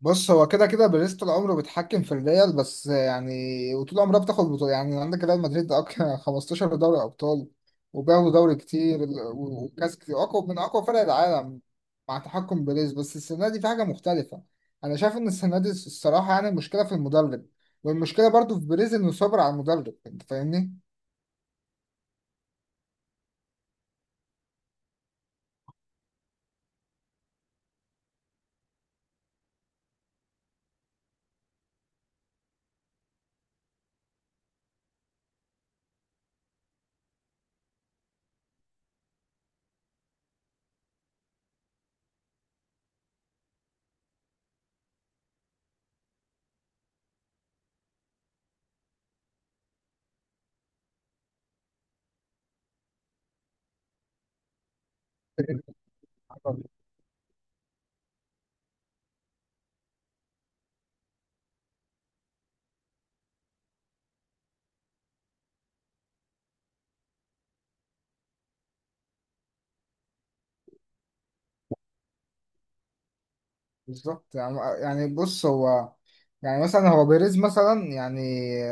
بص، هو كده كده باريس طول عمره بيتحكم في الريال، بس يعني وطول عمرها بتاخد بطولة. يعني عندك ريال مدريد ده 15 دوري أبطال، وبياخدوا دوري كتير و- وكاس كتير أقوى من أقوى فرق العالم مع تحكم باريس. بس السنة دي في حاجة مختلفة. أنا شايف إن السنة دي الصراحة يعني المشكلة في المدرب، والمشكلة برضو في باريس إنه صبر على المدرب. أنت فاهمني؟ بالظبط. يعني بص، هو يعني مثلا، هو بيريز مثلا، يعني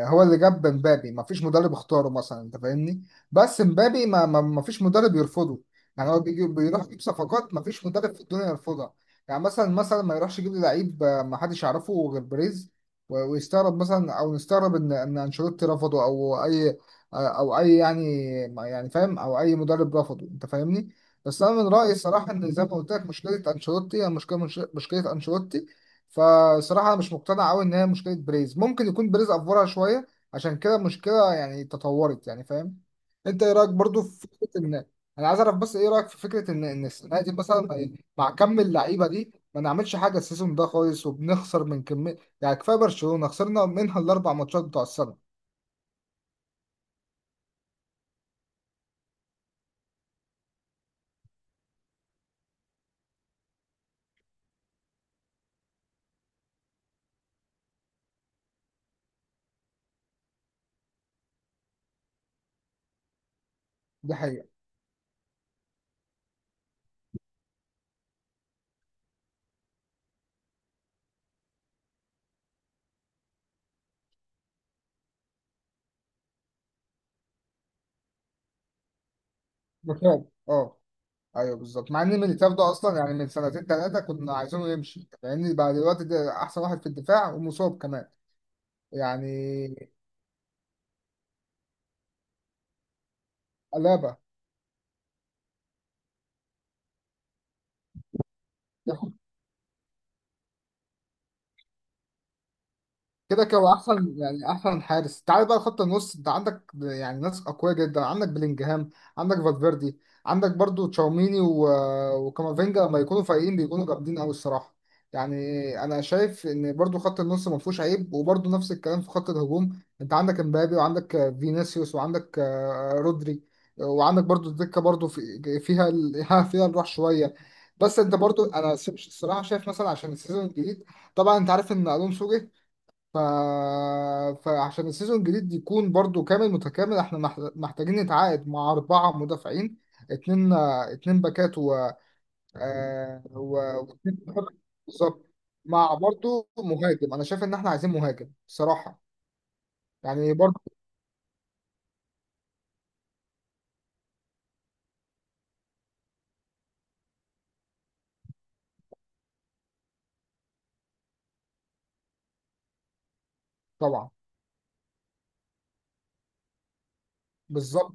هو اللي جاب مبابي، ما فيش مدرب اختاره مثلا، انت فاهمني. بس مبابي ما فيش مدرب يرفضه. يعني هو بيجي بيروح يجيب صفقات ما فيش مدرب في الدنيا يرفضها. يعني مثلا ما يروحش يجيب لي لعيب، ما حدش يعرفه غير بيريز، و- ويستغرب مثلا او نستغرب ان ان انشيلوتي رفضه او اي. او اي يعني فاهم، او اي مدرب رفضه، انت فاهمني. بس انا من رايي الصراحه ان زي ما قلت لك مشكله انشيلوتي هي مشكله، مشكله انشيلوتي. فصراحه أنا مش مقتنع قوي ان هي مشكله بريز، ممكن يكون بريز افورها شويه، عشان كده المشكله يعني تطورت. يعني فاهم، انت ايه رايك برضو في فكره ان. انا عايز اعرف بس ايه رايك في فكره ان السنه دي مثلا مع كم اللعيبه دي ما نعملش حاجه السيزون ده خالص، وبنخسر من كميه، يعني كفايه برشلونه خسرنا منها الاربع ماتشات بتوع السنه. دي حقيقه. ده فعلا. اه. ايوه بالظبط، مع ان ميليتاو ده اصلا يعني من سنتين ثلاثه كنا عايزينه يمشي، لان بقى دلوقتي ده احسن واحد في الدفاع ومصاب كمان يعني. قلابه. كده كده احسن يعني احسن حارس. تعال بقى خط النص، انت عندك يعني ناس اقوياء جدا، عندك بلينجهام، عندك فالفيردي، عندك برضو تشاوميني وكامافينجا لما يكونوا فايقين بيكونوا جامدين قوي الصراحه يعني. انا شايف ان برضو خط النص ما فيهوش عيب، وبرضو نفس الكلام في خط الهجوم. انت عندك امبابي، وعندك فينيسيوس، وعندك رودري، وعندك برضو الدكه، برضو فيها فيها الروح شويه. بس انت برضو انا الصراحه شايف مثلا عشان السيزون الجديد، طبعا انت عارف ان الونسو جه، ف... فعشان السيزون الجديد يكون برضو كامل متكامل احنا محتاجين نتعاقد مع أربعة مدافعين. اتنين اتنين باكات، واتنين مهاجم. بالظبط. مع برضو مهاجم، أنا شايف إن احنا عايزين مهاجم بصراحة. يعني برضو. طبعا. بالظبط.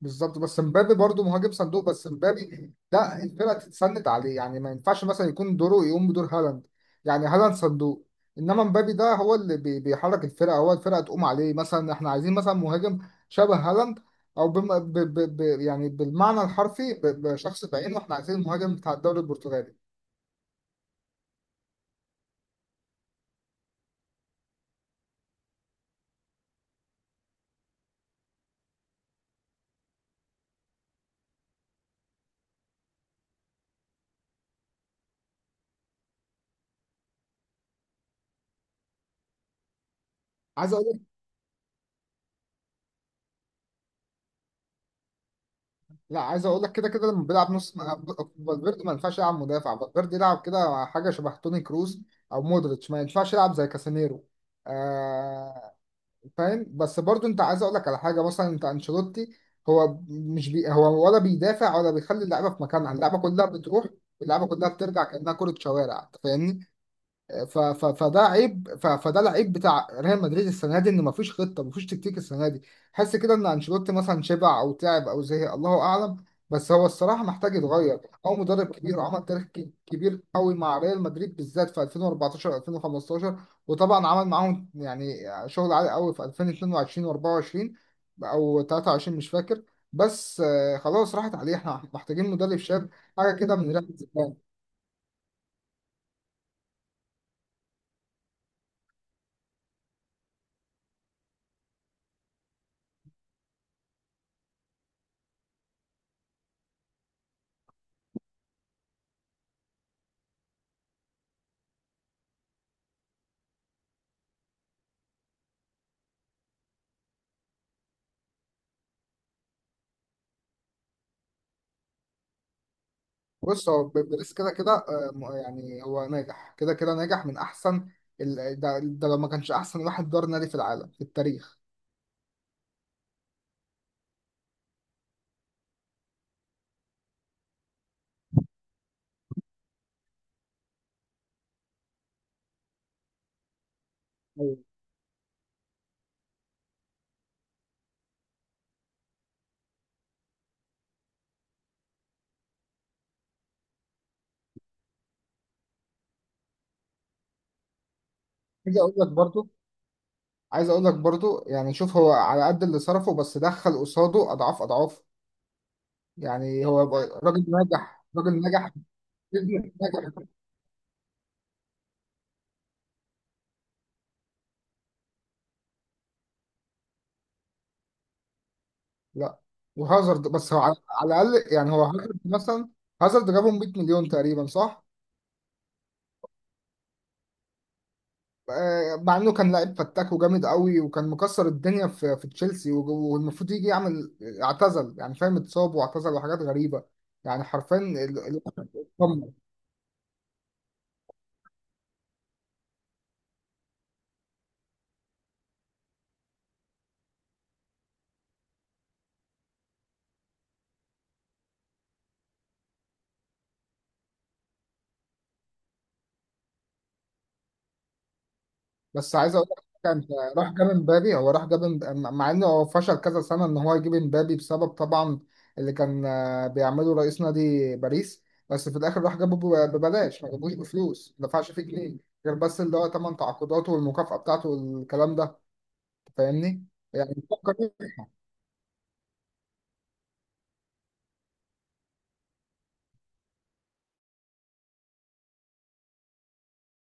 بالظبط، بس مبابي برضه مهاجم صندوق، بس مبابي ده الفرقه تتسند عليه، يعني ما ينفعش مثلا يكون دوره يقوم بدور هالاند. يعني هالاند صندوق. انما مبابي ده هو اللي بيحرك الفرقه، هو الفرقه تقوم عليه. مثلا احنا عايزين مثلا مهاجم شبه هالاند، او بم... ب... ب... ب... يعني بالمعنى الحرفي بشخص بعينه. احنا عايزين المهاجم بتاع الدوري البرتغالي. عايز اقول لا، عايز اقول لك كده كده، لما بيلعب نص م- فالفيردي ما ينفعش يلعب مدافع، فالفيردي يلعب كده حاجه شبه توني كروز، او مودريتش ما ينفعش يلعب زي كاسانيرو. آه فاهم. بس برضو انت عايز اقول لك على حاجه، مثلا انت انشيلوتي هو مش هو ولا بيدافع ولا بيخلي اللعيبه في مكانها. اللعيبه كلها بتروح، اللعيبه كلها بترجع، كانها كره شوارع، انت فاهمني. ف... ف... فده عيب، ف... فده العيب بتاع ريال مدريد السنه دي ان مفيش خطه، مفيش تكتيك السنه دي. حس كده ان انشيلوتي مثلا شبع او تعب او زهق، الله اعلم، بس هو الصراحه محتاج يتغير. هو مدرب كبير وعمل تاريخ كبير قوي مع ريال مدريد، بالذات في 2014 2015، وطبعا عمل معاهم يعني شغل عالي قوي في 2022 و24، او 23 مش فاكر، بس خلاص راحت عليه، احنا محتاجين مدرب شاب، حاجه كده من ريال. بص هو بيدرس كده كده، يعني هو ناجح كده كده، ناجح من احسن ده لو ما كانش احسن واحد دار نادي في العالم في التاريخ. ايوه. عايز اقول لك برضو عايز اقول لك برضو يعني شوف، هو على قد اللي صرفه بس دخل قصاده اضعاف اضعاف. يعني هو راجل ناجح، راجل ناجح، ابن ناجح. لا، وهازارد، بس هو على الاقل يعني، هو هازارد مثلا، هازارد جابهم 100 مليون تقريبا، صح؟ آه، مع انه كان لعيب فتاك وجامد قوي، وكان مكسر الدنيا في تشيلسي، وج- والمفروض يجي يعمل، اعتزل يعني فاهم، اتصاب واعتزل وحاجات غريبه يعني. حرفيا اتدمر. بس عايز اقول لك، كان راح جاب امبابي، هو راح جاب مع انه هو فشل كذا سنه ان هو يجيب امبابي، بسبب طبعا اللي كان بيعمله رئيس نادي باريس. بس في الاخر راح جابه ببلاش، ما جابوش بفلوس، ما دفعش فيه جنيه، غير بس اللي هو ثمان تعاقداته والمكافاه بتاعته والكلام ده. فاهمني؟ يعني فكر.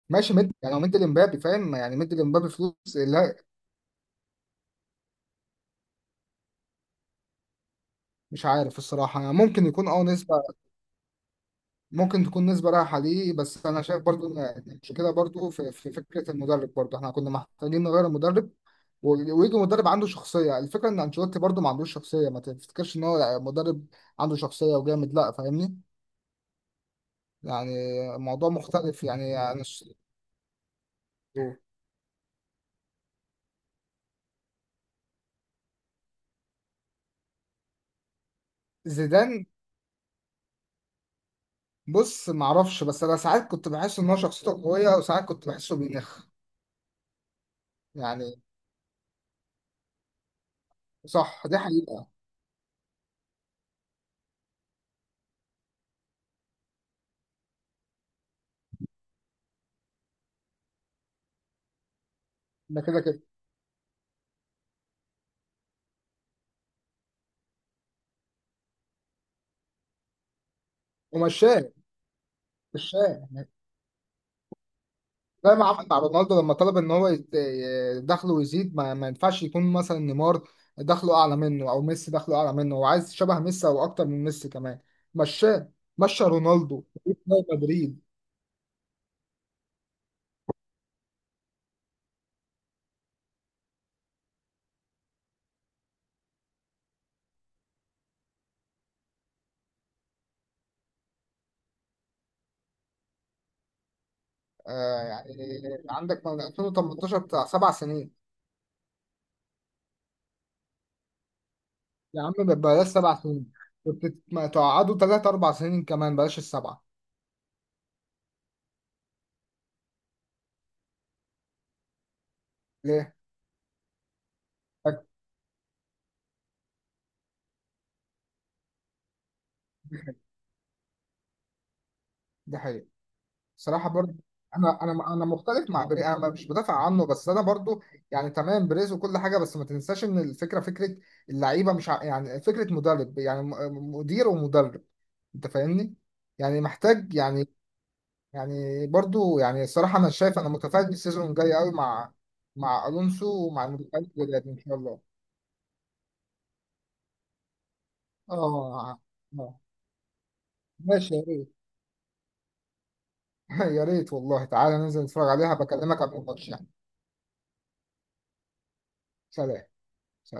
ماشي، مد يعني هو مد لمبابي فاهم، يعني مد لمبابي فلوس. لا، مش عارف الصراحة، يعني ممكن يكون نسبة، ممكن تكون نسبة رايحة ليه، بس أنا شايف برضو إن المشكلة برضو في فكرة المدرب. برضو احنا كنا محتاجين نغير المدرب و- ويجي مدرب عنده شخصية. الفكرة إن أنشيلوتي برضو ما عندوش شخصية، ما تفتكرش إن هو مدرب عنده شخصية وجامد، لا فاهمني. يعني الموضوع مختلف، يعني أنا. زيدان. بص معرفش، بس أنا ساعات كنت بحس إن هو شخصيته قوية، وساعات كنت بحسه بينخ يعني. صح، دي حقيقة. ده كده كده. ومشاه مشاه يعني، زي ما عمل مع رونالدو لما طلب ان هو دخله يزيد، ما ينفعش يكون مثلا نيمار دخله اعلى منه، او ميسي دخله اعلى منه، هو عايز شبه ميسي او اكتر من ميسي كمان. مشاه، مشى رونالدو في ريال مدريد. آه يعني، عندك من 2018، بتاع 7 سنين. يا عم بلاش 7 سنين، كنت ما تقعدوا ثلاث اربع سنين كمان، بلاش السبعه. ليه؟ ده حقيقي. صراحة برضه، أنا مختلف مع بري، أنا مش بدافع عنه، بس أنا برضه يعني تمام بريز وكل حاجة. بس ما تنساش إن الفكرة فكرة اللعيبة، مش ع- يعني فكرة مدرب، يعني مدير ومدرب، أنت فاهمني؟ يعني محتاج يعني برضه يعني الصراحة أنا شايف، أنا متفائل السيزون الجاي أوي، مع ألونسو ومع المدرب الجديد إن شاء الله. اه. اه. ماشي، يا ريت. يا ريت والله تعالى ننزل نتفرج عليها، بكلمك قبل الماتش يعني. سلام.